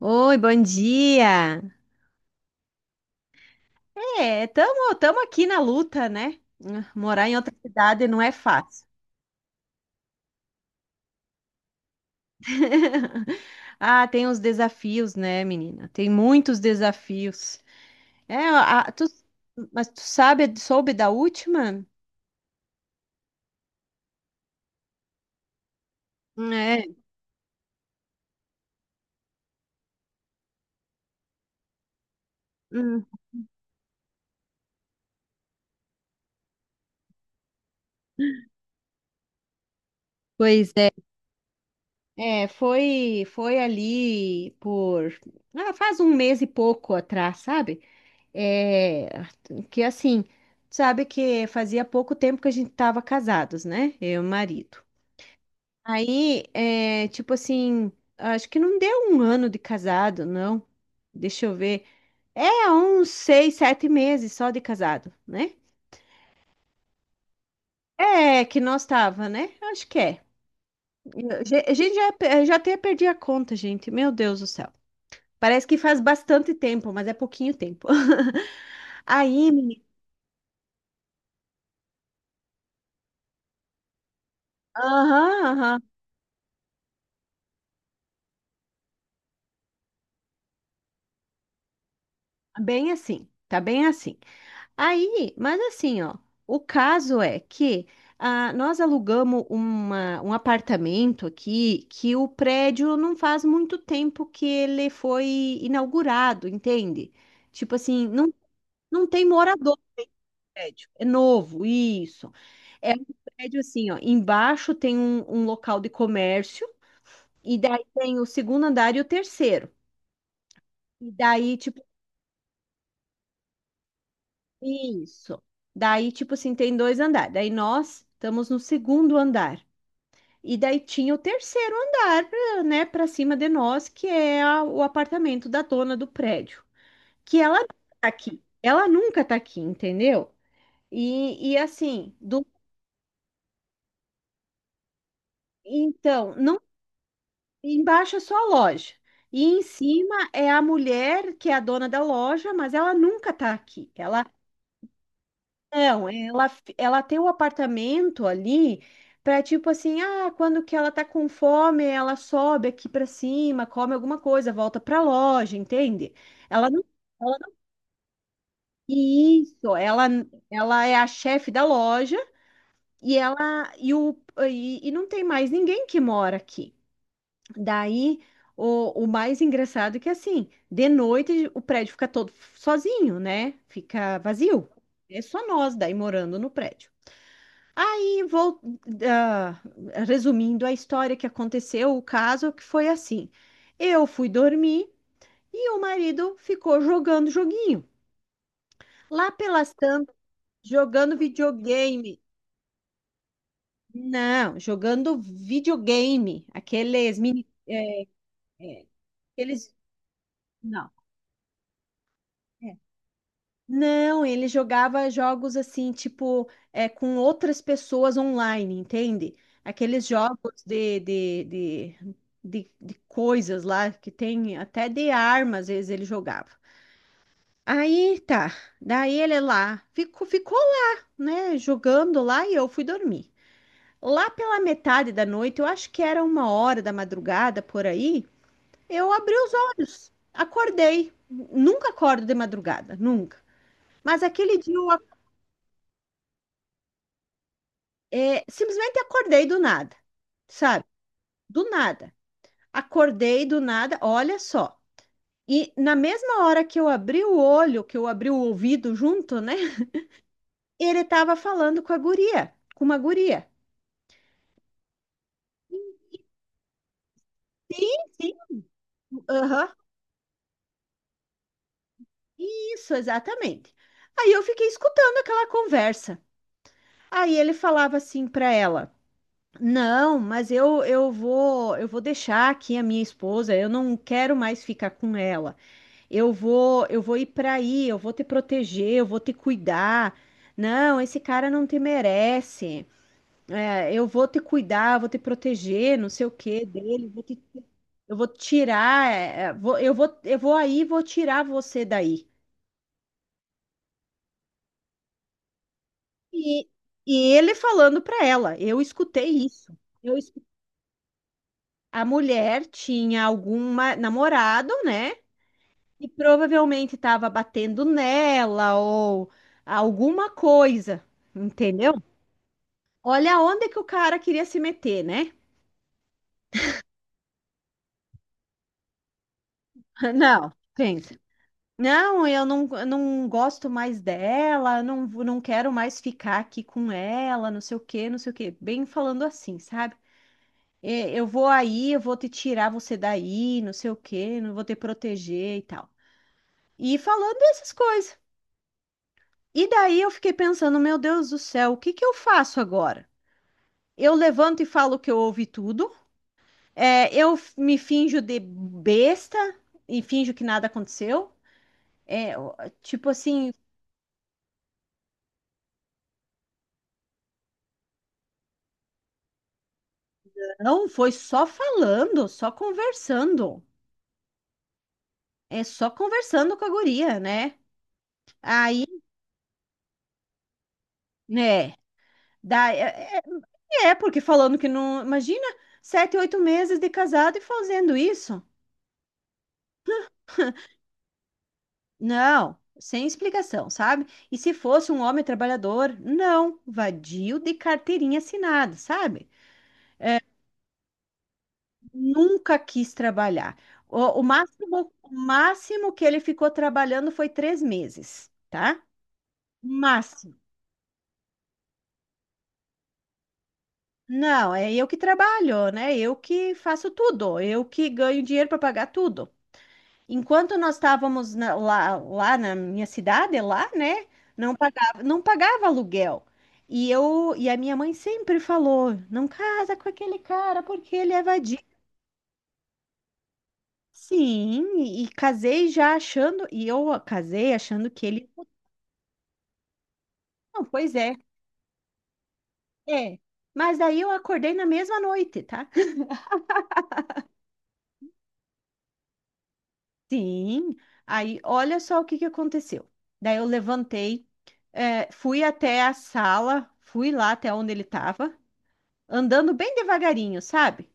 Oi, bom dia. É, tamo, tamo aqui na luta, né? Morar em outra cidade não é fácil. Ah, tem os desafios, né, menina? Tem muitos desafios. É, a- tu, mas tu sabe, soube da última? É. Hum. Pois é. Foi ali por, ah, faz um mês e pouco atrás, sabe? É, que assim, sabe que fazia pouco tempo que a gente estava casados, né? Eu e o marido. Aí, é, tipo assim, acho que não deu um ano de casado, não. Deixa eu ver. É, uns 6, 7 meses só de casado, né? É, que nós tava, né? Acho que é. A gente já, já até perdi a conta, gente. Meu Deus do céu. Parece que faz bastante tempo, mas é pouquinho tempo. Aí, menina. Aham, aham. Bem assim, tá bem assim. Aí, mas assim, ó, o caso é que ah, um apartamento aqui que o prédio não faz muito tempo que ele foi inaugurado, entende? Tipo assim, não, não tem morador no prédio, é novo, isso. É um prédio assim, ó, embaixo tem um local de comércio, e daí tem o segundo andar e o terceiro. E daí, tipo, isso. Daí, tipo assim, tem dois andares. Daí nós estamos no segundo andar. E daí tinha o terceiro andar, né, para cima de nós, que é o apartamento da dona do prédio, que ela nunca tá aqui. Ela nunca tá aqui, entendeu? E assim, do, então, não, Embaixo é só a loja. E em cima é a mulher que é a dona da loja, mas ela nunca tá aqui. Ela... Não, ela, ela tem o apartamento ali para tipo assim, ah, quando que ela tá com fome, ela sobe aqui para cima, come alguma coisa, volta para loja, entende? Ela não, ela não- Isso, ela é a chefe da loja e ela e, o, e não tem mais ninguém que mora aqui. Daí o mais engraçado é que assim, de noite o prédio fica todo sozinho, né? Fica vazio. É só nós daí morando no prédio. E vou, ah, resumindo a história que aconteceu, o caso que foi assim. Eu fui dormir e o marido ficou jogando joguinho. Lá pelas tantas, jogando videogame. Não, jogando videogame. Aqueles mini, é, é, aqueles, não. é, Não, ele jogava jogos assim, tipo, é, com outras pessoas online, entende? Aqueles jogos de coisas lá, que tem até de armas, às vezes ele jogava. Aí tá, daí ele lá, ficou lá, né, jogando lá e eu fui dormir. Lá pela metade da noite, eu acho que era 1h da madrugada por aí, eu abri os olhos, acordei. Nunca acordo de madrugada, nunca. Mas aquele dia eu É, simplesmente acordei do nada, sabe? Do nada. Acordei do nada, olha só. E na mesma hora que eu abri o olho, que eu abri o ouvido junto, né? Ele estava falando com uma guria. Sim, sim. Aham. Isso, exatamente. Aí eu fiquei escutando aquela conversa. Aí ele falava assim para ela: "Não, mas eu vou, eu vou deixar aqui a minha esposa, eu não quero mais ficar com ela." Eu vou ir para aí, eu vou te proteger, eu vou te cuidar. Não, esse cara não te merece. É, eu vou te cuidar, eu vou te proteger, não sei o que dele, vou te- eu vou tirar, é, é, vou- eu vou, eu vou aí, e vou tirar você daí. E, e ele falando para ela, eu escutei isso. Eu escu- a mulher tinha alguma namorado, né? E provavelmente estava batendo nela ou alguma coisa, entendeu? Olha onde que o cara queria se meter, né? Não, pensa. Não, eu não gosto mais dela, não, não quero mais ficar aqui com ela, não sei o quê, não sei o quê. Bem falando assim, sabe? É, eu vou aí, eu vou te tirar você daí, não sei o quê, não vou te proteger e tal. E falando essas coisas. E daí eu fiquei pensando, meu Deus do céu, o que que eu faço agora? Eu levanto e falo que eu ouvi tudo, é, me finjo de besta e finjo que nada aconteceu. É, ó, tipo assim, não foi só falando, só conversando. É só conversando com a guria, né? Aí, né? Da, é, é, é, porque falando que não. Imagina 7, 8 meses de casado e fazendo isso. Não, sem explicação, sabe? E se fosse um homem trabalhador, não, vadio de carteirinha assinada, sabe? Nunca quis trabalhar. O máximo, o máximo que ele ficou trabalhando foi 3 meses. Tá? Máximo. Não, é eu que trabalho, né? Eu que faço tudo, eu que ganho dinheiro para pagar tudo. Enquanto nós estávamos lá, lá na minha cidade, lá, né? Não pagava aluguel. E eu e a minha mãe sempre falou, não casa com aquele cara porque ele é vadio. Sim, e eu casei achando que ele, não, pois é, é. Mas daí eu acordei na mesma noite, tá? Sim, aí olha só o que que aconteceu. Daí eu levantei, eh, fui até a sala, fui lá até onde ele estava, andando bem devagarinho, sabe?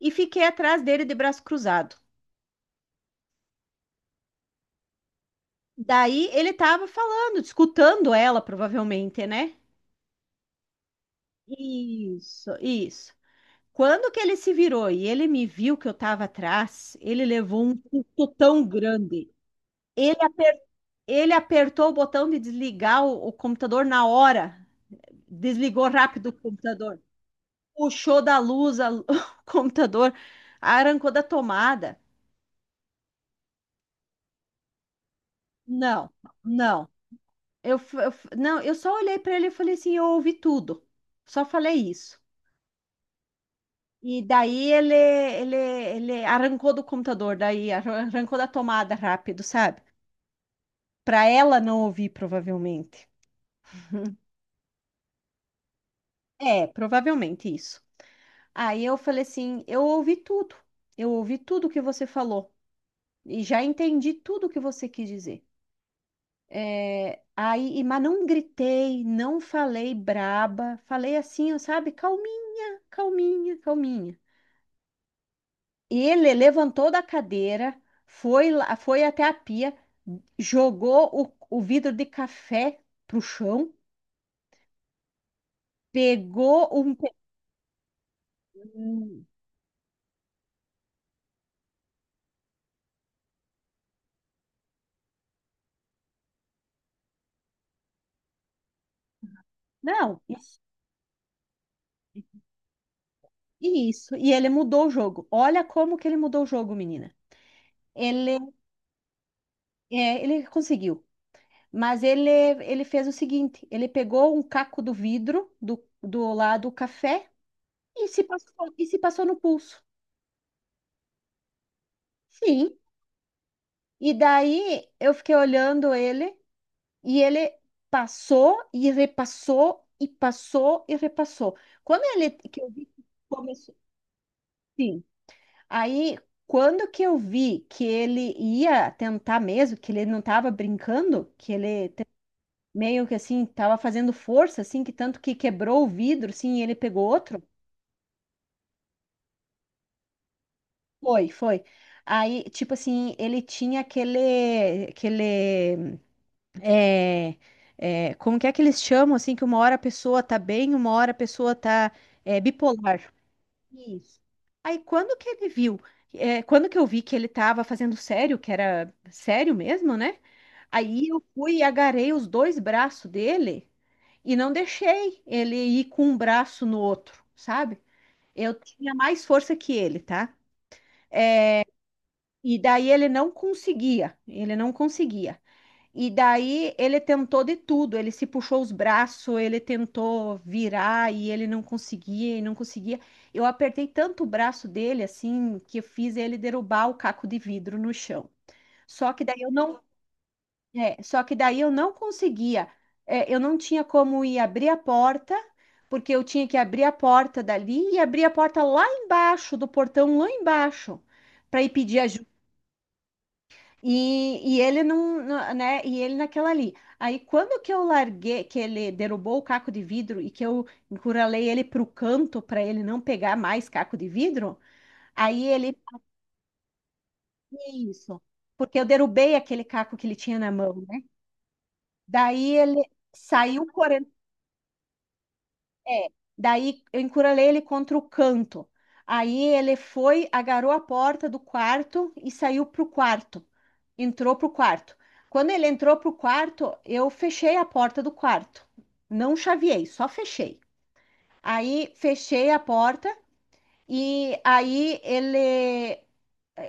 E fiquei atrás dele de braço cruzado. Daí ele estava falando, escutando ela, provavelmente, né? Isso, isso. Quando que ele se virou e ele me viu que eu estava atrás, ele levou um susto tão grande. Ele Ele apertou o botão de desligar o computador na hora. Desligou rápido o computador. Puxou da luz a- o computador. Arrancou da tomada. Não, não. Não, eu só olhei para ele e falei assim, eu ouvi tudo. Só falei isso. E daí ele arrancou do computador, daí arrancou da tomada rápido, sabe? Para ela não ouvir, provavelmente. É, provavelmente isso. Aí eu falei assim: eu ouvi tudo que você falou e já entendi tudo que você quis dizer. É, aí, mas não gritei, não falei braba, falei assim, ó, sabe, calminha. Ele levantou da cadeira, foi lá, foi até a pia, jogou o vidro de café pro chão, pegou um. pe- não, isso, isso. E ele mudou o jogo. Olha como que ele mudou o jogo, menina. Ele... É, ele conseguiu. Mas ele fez o seguinte: ele pegou um caco do vidro do lado do café e se passou, e se passou no pulso. Sim. E daí eu fiquei olhando ele e ele passou e repassou e passou e repassou. Quando ele que eu vi que começou, sim. Aí quando que eu vi que ele ia tentar mesmo, que ele não estava brincando, que ele meio que assim, tava fazendo força, assim, que tanto que quebrou o vidro, assim, e ele pegou outro? Foi, foi. Aí, tipo assim, ele tinha aquele, é, como que é que eles chamam, assim, que uma hora a pessoa tá bem, uma hora a pessoa tá, é, bipolar. Isso. Aí quando que ele viu, é, quando que eu vi que ele tava fazendo sério, que era sério mesmo, né? Aí eu fui e agarrei os dois braços dele e não deixei ele ir com um braço no outro, sabe? Eu tinha mais força que ele, tá? E daí ele não conseguia. E daí ele tentou de tudo, ele se puxou os braços, ele tentou virar e ele não conseguia e não conseguia. Eu apertei tanto o braço dele assim que eu fiz ele derrubar o caco de vidro no chão. Só que daí eu não, é, só que daí eu não conseguia. É, eu não tinha como ir abrir a porta, porque eu tinha que abrir a porta dali e abrir a porta lá embaixo do portão lá embaixo para ir pedir e ele não, né? E ele naquela ali. Aí quando que eu larguei, que ele derrubou o caco de vidro e que eu encurralei ele pro canto para ele não pegar mais caco de vidro, aí ele fazia isso, porque eu derrubei aquele caco que ele tinha na mão, né? Daí ele saiu correndo. É, daí eu encurralei ele contra o canto. Aí ele foi, agarrou a porta do quarto e saiu pro quarto. Entrou pro quarto. Quando ele entrou pro quarto, eu fechei a porta do quarto. Não chaveei, só fechei. Aí fechei a porta e aí ele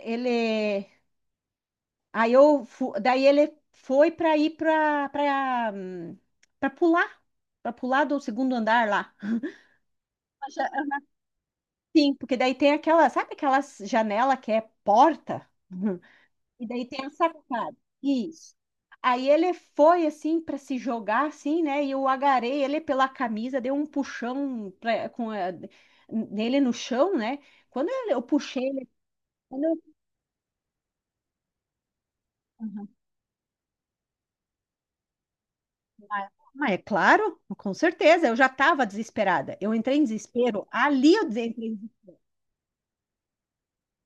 ele aí eu fu- daí ele foi para ir para pular, para pular do segundo andar lá. Sim, porque daí tem aquela, sabe aquela janela que é porta? E daí tem a sacada. Isso. Aí ele foi assim para se jogar assim, né? E eu agarrei ele pela camisa, dei um puxão nele no chão, né? Eu puxei ele, quando eu- uhum. Mas mas é claro, com certeza, eu já estava desesperada. Eu entrei em desespero. Ali eu entrei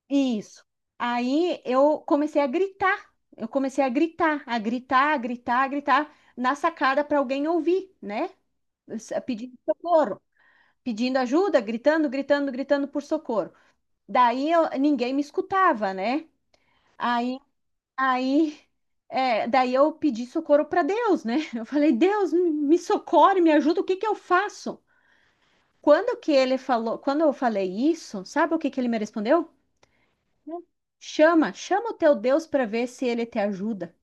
isso. Aí eu comecei a gritar. Eu comecei a gritar, a gritar, a gritar, a gritar na sacada para alguém ouvir, né? Pedindo socorro, pedindo ajuda, gritando, gritando, gritando por socorro. Daí eu- ninguém me escutava, né? Aí, aí, daí eu pedi socorro para Deus, né? Eu falei, Deus, me socorre, me ajuda, o que que eu faço? Quando que ele falou, quando eu falei isso, sabe o que que ele me respondeu? Chama o teu Deus para ver se ele te ajuda.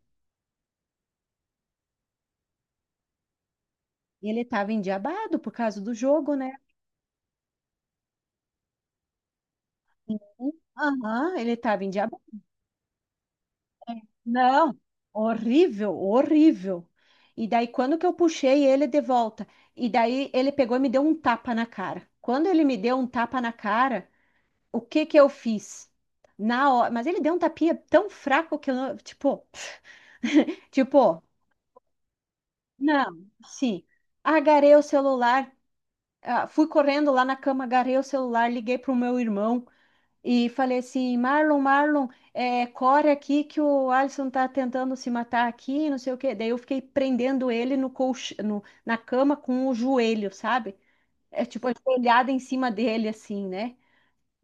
Ele estava endiabado por causa do jogo, né? Aham, ele estava endiabado. Não, horrível, horrível. E daí, quando que eu puxei ele de volta? E daí, ele pegou e me deu um tapa na cara. Quando ele me deu um tapa na cara, o que que eu fiz? Na hora, mas ele deu um tapinha tão fraco que eu não, tipo, tipo, não, sim. Agarrei o celular, ah, fui correndo lá na cama, agarrei o celular, liguei para o meu irmão e falei assim: Marlon, Marlon, é, corre aqui que o Alisson tá tentando se matar aqui, não sei o quê. Daí eu fiquei prendendo ele no colch... na cama com o joelho, sabe? É tipo, ajoelhada em cima dele, assim, né?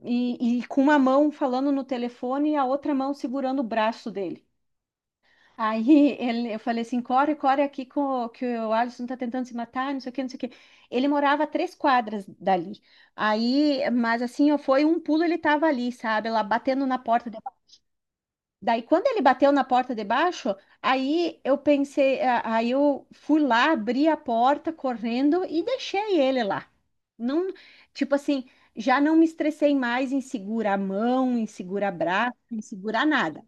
E com uma mão falando no telefone e a outra mão segurando o braço dele. Aí ele, eu falei assim, corre aqui com, que o Alisson tá tentando se matar, não sei o que, não sei o que. Ele morava a 3 quadras dali. Aí, mas assim, ó, foi um pulo, ele tava ali, sabe? Lá batendo na porta. De... Daí, quando ele bateu na porta de baixo, aí eu pensei, aí eu fui lá, abri a porta correndo e deixei ele lá. Não, tipo assim, já não me estressei mais em segurar a mão, em segurar braço, em segurar nada.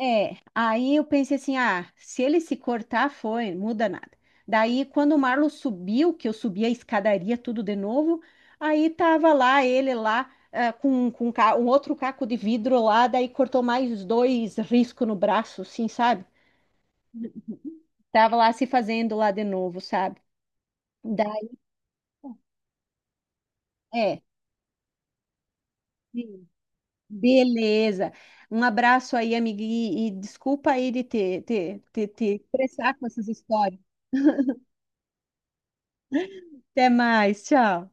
É, aí eu pensei assim, ah, se ele se cortar, foi, muda nada. Daí, quando o Marlon subiu, que eu subi a escadaria tudo de novo, aí tava lá ele lá ah, com um um outro caco de vidro lá, daí cortou mais dois riscos no braço, assim, sabe? Tava lá se fazendo lá de novo, sabe? Daí, é, sim, beleza. Um abraço aí, amiga, e desculpa aí de te, te estressar com essas histórias. Até mais, tchau.